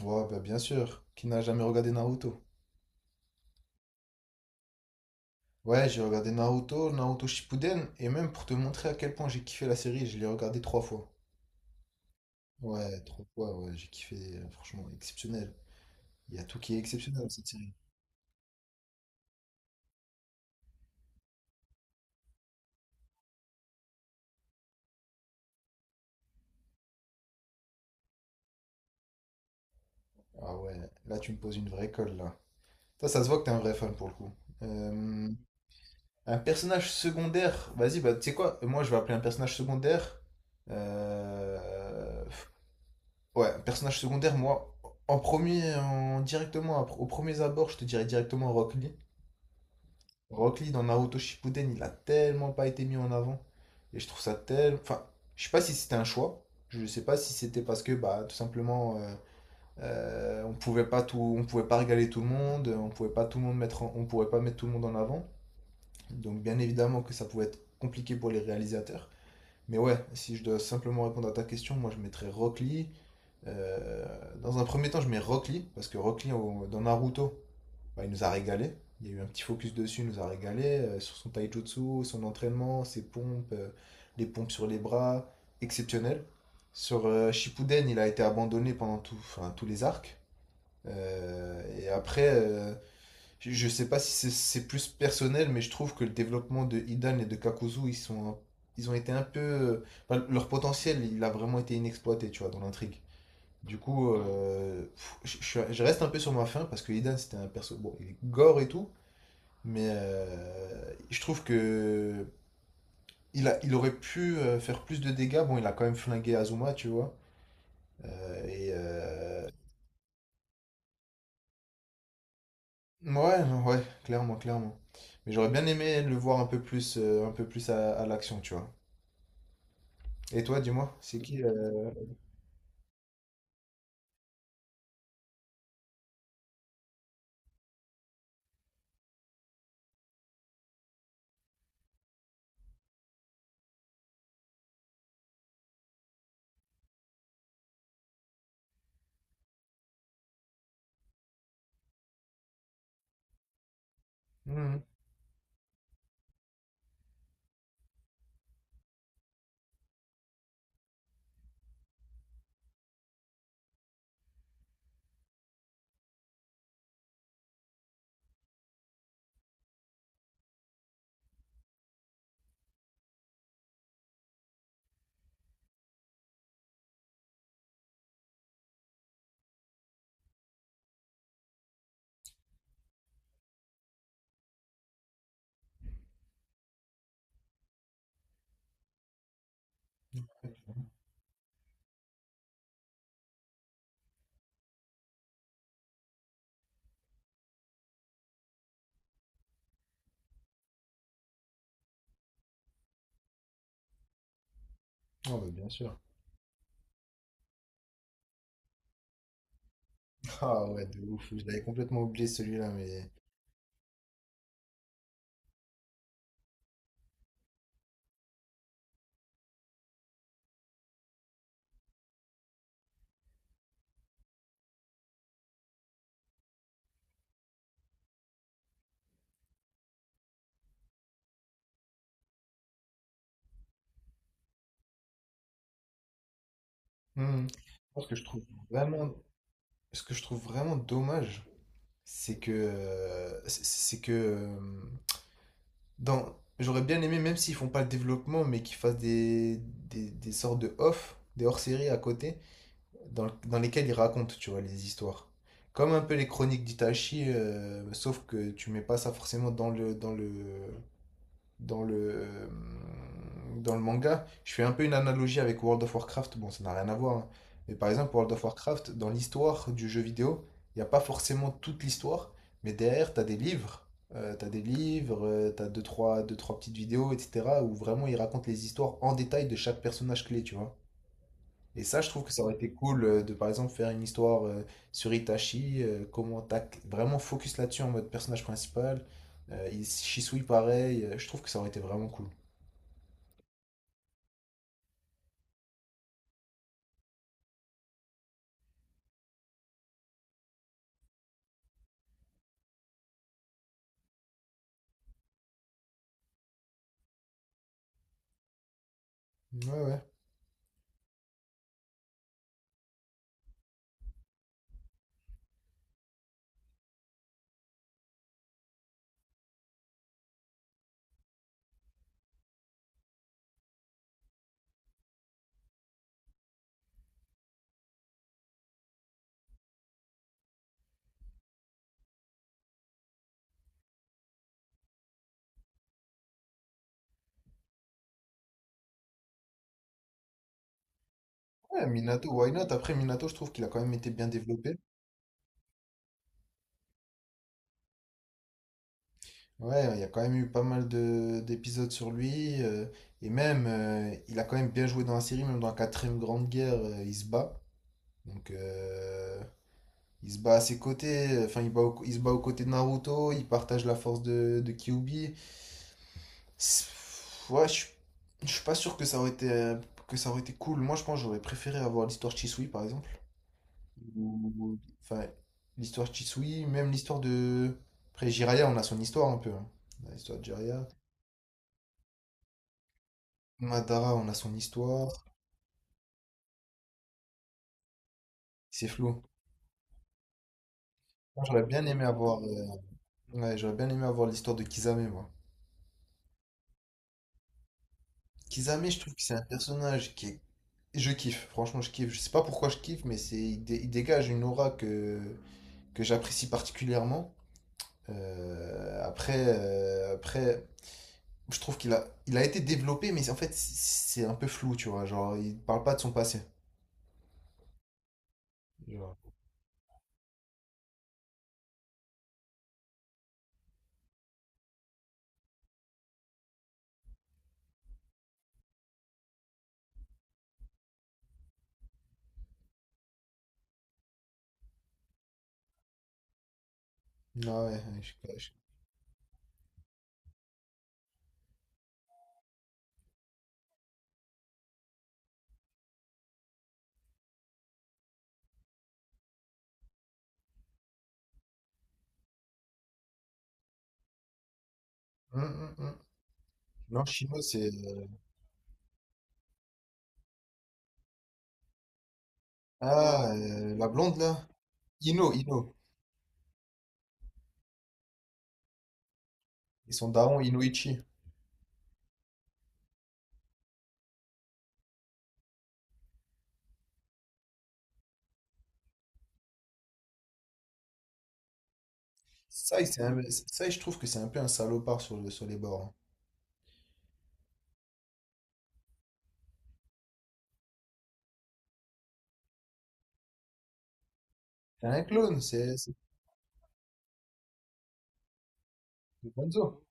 Ouais, bah bien sûr, qui n'a jamais regardé Naruto. Ouais, j'ai regardé Naruto, Naruto Shippuden, et même pour te montrer à quel point j'ai kiffé la série, je l'ai regardé trois fois. Ouais, trois fois, ouais, j'ai kiffé, franchement, exceptionnel. Il y a tout qui est exceptionnel dans cette série. Ah ouais, là tu me poses une vraie colle, là. Ça se voit que t'es un vrai fan pour le coup. Euh, un personnage secondaire, vas-y, bah tu sais quoi, moi je vais appeler un personnage secondaire. euh, Ouais, personnage secondaire, moi, en premier, directement, au premier abord, je te dirais directement Rock Lee. Rock Lee dans Naruto Shippuden, il a tellement pas été mis en avant. Et je trouve ça tellement. Enfin, je sais pas si c'était un choix. Je sais pas si c'était parce que, bah, tout simplement, on pouvait pas on pouvait pas régaler tout le monde, on pouvait pas tout le monde on pouvait pas mettre tout le monde en avant. Donc, bien évidemment que ça pouvait être compliqué pour les réalisateurs. Mais ouais, si je dois simplement répondre à ta question, moi je mettrais Rock Lee. Euh, Dans un premier temps, je mets Rock Lee, parce que Rock Lee, dans Naruto, bah, il nous a régalé. Il y a eu un petit focus dessus, il nous a régalé sur son taijutsu, son entraînement, ses pompes, les pompes sur les bras, exceptionnel. Sur Shippuden, il a été abandonné pendant tout, enfin, tous les arcs. Et après, je sais pas si c'est plus personnel, mais je trouve que le développement de Hidan et de Kakuzu, ils ont été un peu, enfin, leur potentiel, il a vraiment été inexploité, tu vois, dans l'intrigue. Du coup, pff, je reste un peu sur ma faim parce que Idan, c'était un perso. Bon, il est gore et tout, mais je trouve que il aurait pu faire plus de dégâts. Bon, il a quand même flingué Azuma, tu vois. Euh, et euh, ouais, non, ouais, clairement, clairement. Mais j'aurais bien aimé le voir un peu plus à l'action, tu vois. Et toi, dis-moi, c'est qui mhm. Oh, bah, bien sûr. Ah ouais, de ouf. Je l'avais complètement oublié celui-là, mais. Hmm. Je pense que je trouve vraiment. Ce que je trouve vraiment dommage, c'est que, j'aurais bien aimé, même s'ils font pas le développement, mais qu'ils fassent des sortes de off, des hors-séries à côté, dans lesquels ils racontent, tu vois, les histoires. Comme un peu les chroniques d'Itachi, sauf que tu mets pas ça forcément dans le, dans le manga, je fais un peu une analogie avec World of Warcraft. Bon, ça n'a rien à voir, hein. Mais par exemple, World of Warcraft, dans l'histoire du jeu vidéo, il n'y a pas forcément toute l'histoire. Mais derrière, tu as des livres. T'as des livres, t'as deux, trois petites vidéos, etc. où vraiment ils racontent les histoires en détail de chaque personnage clé, tu vois. Et ça, je trouve que ça aurait été cool de, par exemple, faire une histoire sur Itachi, comment tac, vraiment focus là-dessus en mode personnage principal. Shisui, pareil. Je trouve que ça aurait été vraiment cool. Ouais, ouais. Ouais, Minato, why not? Après, Minato, je trouve qu'il a quand même été bien développé. Ouais, il y a quand même eu pas mal de d'épisodes sur lui. Et même, il a quand même bien joué dans la série, même dans la quatrième grande guerre, il se bat. Donc, il se bat à ses côtés. Enfin, il se bat aux côtés de Naruto. Il partage la force de Kyuubi. C'est- Ouais, je je suis pas sûr que ça aurait été, que ça aurait été cool. Moi, je pense que j'aurais préféré avoir l'histoire de Chisui, par exemple. Ou- Enfin, l'histoire de Chisui, même l'histoire de... Après, Jiraiya, on a son histoire un peu, hein. On a l'histoire de Jiraiya. Madara, on a son histoire. C'est flou. Moi, j'aurais bien aimé avoir... ouais, j'aurais bien aimé avoir l'histoire de Kisame, moi. Kisame, je trouve que c'est un personnage qui est... Je kiffe, franchement, je kiffe. Je sais pas pourquoi je kiffe, mais c'est... il dégage une aura que j'apprécie particulièrement. Après, je trouve il a été développé, mais en fait, c'est un peu flou, tu vois. Genre, il parle pas de son passé. Tu Ah ouais, hum, hum. Non, Shino, c'est. Ah, la blonde là. Ino. Et son daron, Inoichi. Ça, je trouve que c'est un peu un salopard sur les bords, hein. C'est un clone, C'est Gonzo.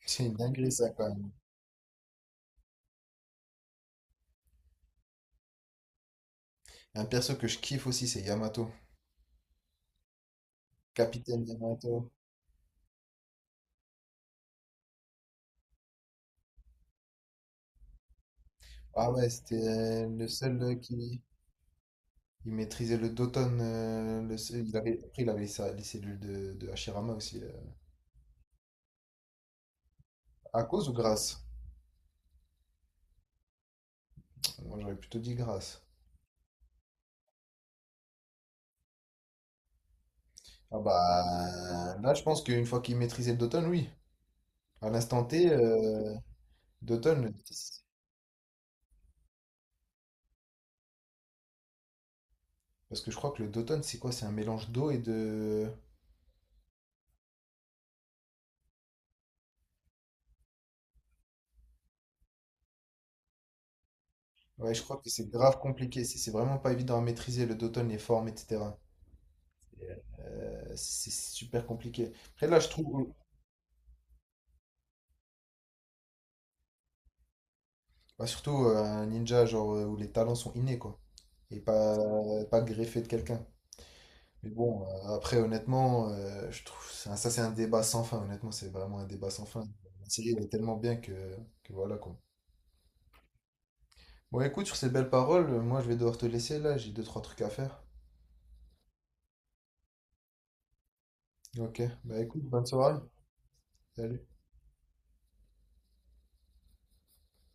C'est une dinguerie, ça, quand même. Un perso que je kiffe aussi, c'est Yamato. Capitaine Yamato. Ah ouais, c'était le seul qui. Il maîtrisait le Doton. Il avait, après, les cellules de Hashirama aussi. À cause ou grâce? Moi, j'aurais plutôt dit grâce. Ah bah là, je pense qu'une fois qu'il maîtrisait le Doton, oui. À l'instant T, Doton. Parce que je crois que le Doton, c'est quoi? C'est un mélange d'eau et de. Ouais, je crois que c'est grave compliqué. C'est vraiment pas évident à maîtriser le Doton, les formes, etc. C'est super compliqué. Après, là, je trouve. Bah, surtout un ninja, genre, où les talents sont innés, quoi. Et pas, pas greffé de quelqu'un. Mais bon, honnêtement, je trouve ça, c'est un débat sans fin. Honnêtement, c'est vraiment un débat sans fin. La série, elle est tellement bien que voilà quoi. Bon, écoute, sur ces belles paroles, moi je vais devoir te laisser là, j'ai deux, trois trucs à faire. Ok, bah écoute, bonne soirée. Salut.